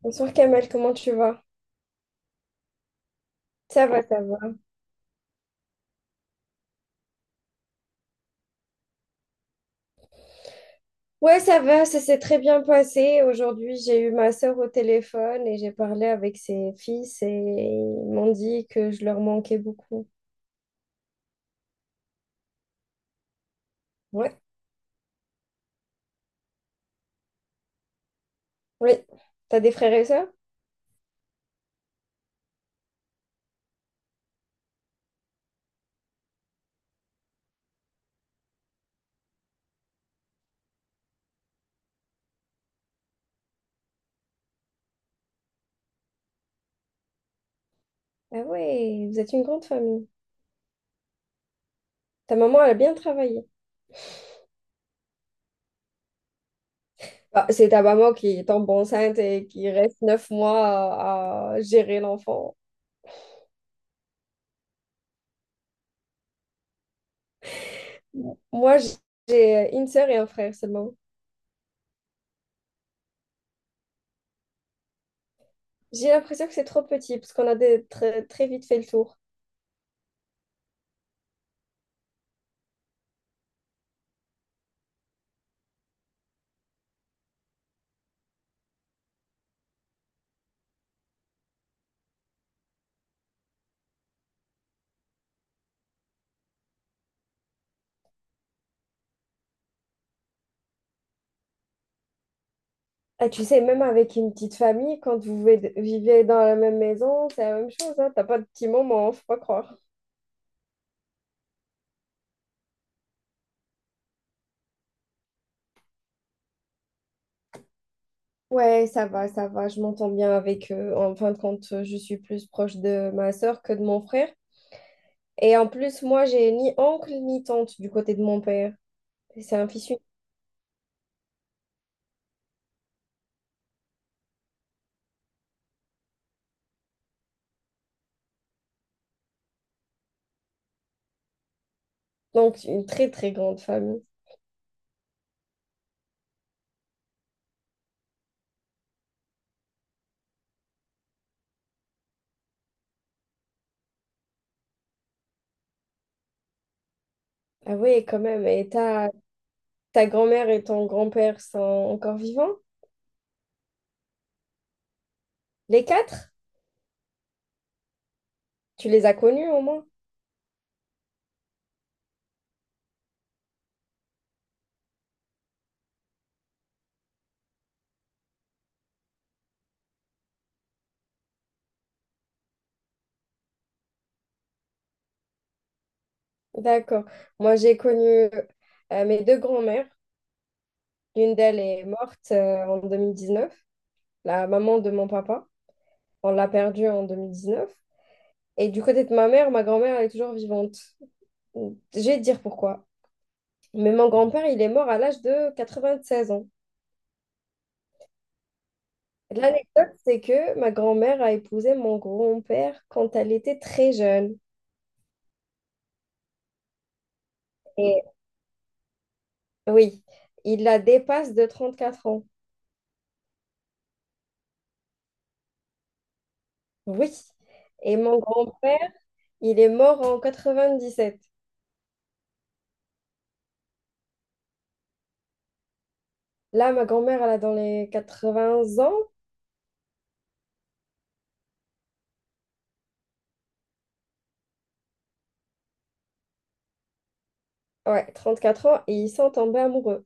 Bonsoir Kamel, comment tu vas? Ça va, ça va. Ouais, ça va, ça s'est très bien passé. Aujourd'hui, j'ai eu ma sœur au téléphone et j'ai parlé avec ses fils et ils m'ont dit que je leur manquais beaucoup. Ouais, oui. T'as des frères et sœurs? Ah ouais, vous êtes une grande famille. Ta maman, elle a bien travaillé. Bah, c'est ta maman qui tombe enceinte et qui reste 9 mois à gérer l'enfant. Moi, j'ai une sœur et un frère seulement. J'ai l'impression que c'est trop petit parce qu'on a très, très vite fait le tour. Ah, tu sais, même avec une petite famille, quand vous vivez dans la même maison, c'est la même chose, hein. T'as pas de petits moments, faut pas croire. Ouais, ça va, je m'entends bien avec eux. En fin de compte, je suis plus proche de ma sœur que de mon frère. Et en plus, moi, j'ai ni oncle ni tante du côté de mon père. C'est un fils unique. Donc, une très, très grande famille. Ah oui, quand même. Et ta grand-mère et ton grand-père sont encore vivants? Les quatre? Tu les as connus au moins? D'accord. Moi, j'ai connu mes deux grands-mères. L'une d'elles est morte en 2019, la maman de mon papa. On l'a perdue en 2019. Et du côté de ma mère, ma grand-mère, elle est toujours vivante. J'ai à dire pourquoi. Mais mon grand-père, il est mort à l'âge de 96 ans. L'anecdote, c'est que ma grand-mère a épousé mon grand-père quand elle était très jeune. Et oui, il la dépasse de 34 ans. Oui. Et mon grand-père, il est mort en 97. Là, ma grand-mère, elle a dans les 80 ans. Ouais, 34 ans et ils sont tombés amoureux.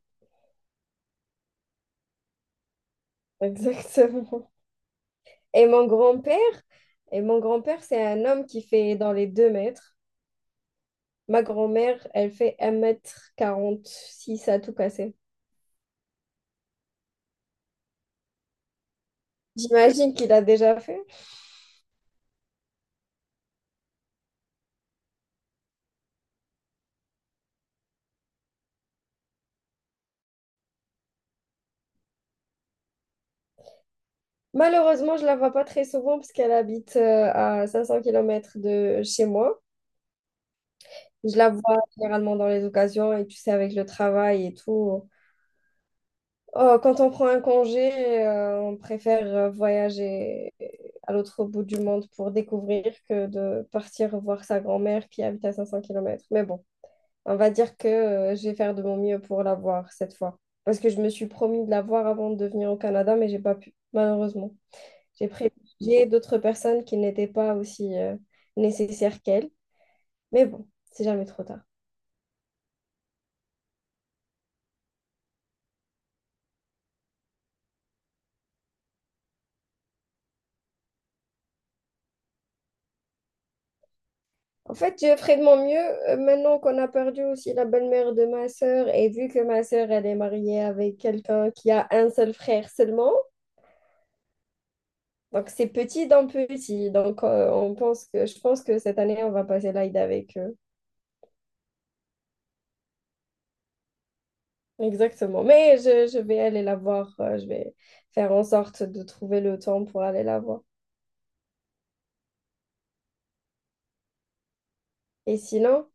Exactement. Et mon grand-père, et mon grand-père, c'est un homme qui fait dans les 2 mètres. Ma grand-mère, elle fait un mètre quarante six à tout casser. J'imagine qu'il a déjà fait. Malheureusement, je la vois pas très souvent parce qu'elle habite à 500 km de chez moi. Je la vois généralement dans les occasions et tu sais, avec le travail et tout, oh, quand on prend un congé, on préfère voyager à l'autre bout du monde pour découvrir que de partir voir sa grand-mère qui habite à 500 km. Mais bon, on va dire que je vais faire de mon mieux pour la voir cette fois. Parce que je me suis promis de la voir avant de venir au Canada, mais j'ai pas pu, malheureusement. J'ai privilégié d'autres personnes qui n'étaient pas aussi nécessaires qu'elle. Mais bon, c'est jamais trop tard. En fait, je ferai de mon mieux maintenant qu'on a perdu aussi la belle-mère de ma sœur et vu que ma sœur, elle est mariée avec quelqu'un qui a un seul frère seulement. Donc, c'est petit d'un petit. Donc, je pense que cette année, on va passer l'Aïd avec eux. Exactement. Mais je vais aller la voir. Je vais faire en sorte de trouver le temps pour aller la voir. Et sinon,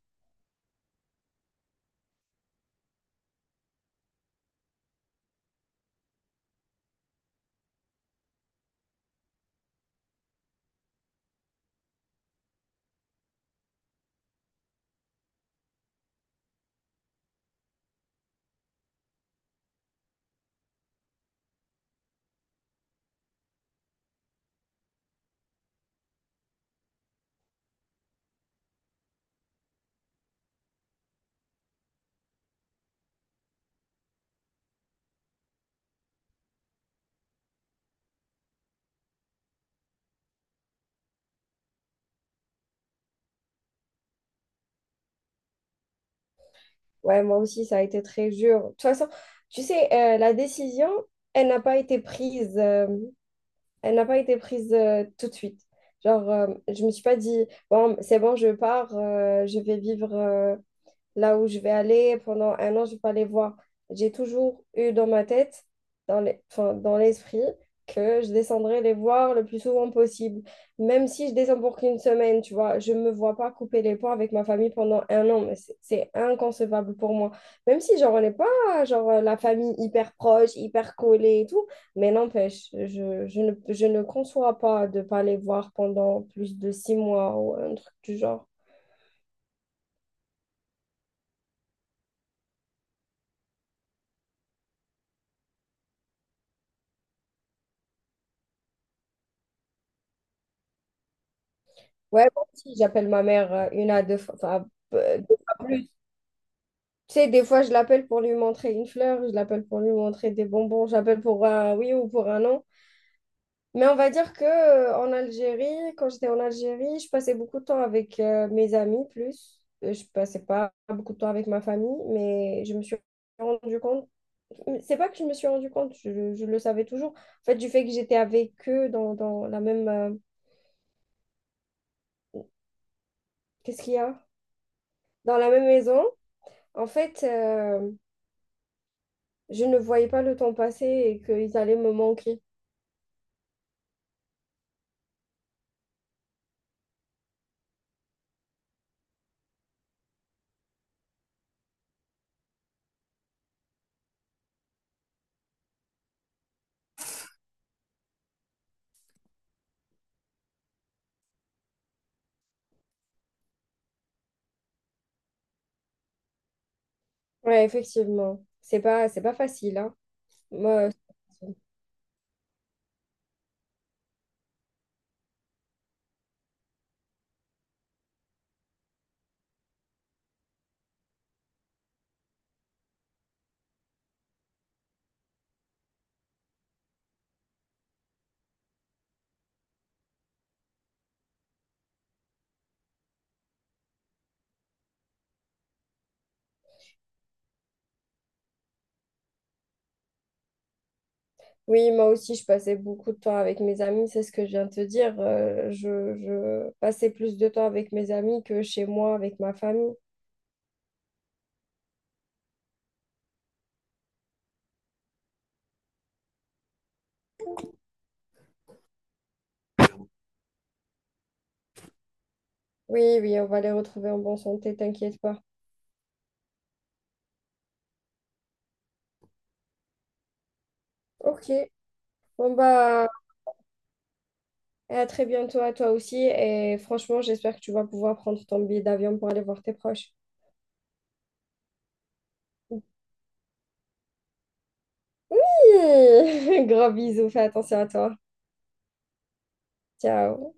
ouais, moi aussi, ça a été très dur. De toute façon, tu sais, la décision, elle n'a pas été prise. Elle n'a pas été prise tout de suite. Genre, je me suis pas dit, bon, c'est bon, je pars, je vais vivre là où je vais aller. Pendant un an, je vais pas les voir. J'ai toujours eu dans ma tête, enfin, dans l'esprit, que je descendrai les voir le plus souvent possible. Même si je descends pour qu'une semaine, tu vois, je me vois pas couper les ponts avec ma famille pendant un an, mais c'est inconcevable pour moi. Même si, genre, on n'est pas, genre, la famille hyper proche, hyper collée et tout, mais n'empêche, je ne conçois pas de pas les voir pendant plus de 6 mois ou un truc du genre. Ouais, moi aussi, j'appelle ma mère 1 à 2 fois, enfin, 2 fois plus. Tu sais, des fois, je l'appelle pour lui montrer une fleur, je l'appelle pour lui montrer des bonbons, j'appelle pour un oui ou pour un non. Mais on va dire que en Algérie, quand j'étais en Algérie, je passais beaucoup de temps avec mes amis plus. Je passais pas beaucoup de temps avec ma famille, mais je me suis rendu compte. C'est pas que je me suis rendu compte, je le savais toujours. En fait, du fait que j'étais avec eux dans la même. Qu'est-ce qu'il y a? Dans la même maison. En fait. Je ne voyais pas le temps passer et qu'ils allaient me manquer. Ouais, effectivement. C'est pas facile, hein. Moi, oui, moi aussi, je passais beaucoup de temps avec mes amis, c'est ce que je viens de te dire. Je passais plus de temps avec mes amis que chez moi, avec ma famille. Oui, oui, on va les retrouver en bonne santé, t'inquiète pas. Ok. Bon bah, et à très bientôt à toi aussi. Et franchement, j'espère que tu vas pouvoir prendre ton billet d'avion pour aller voir tes proches. Gros bisous, fais attention à toi. Ciao.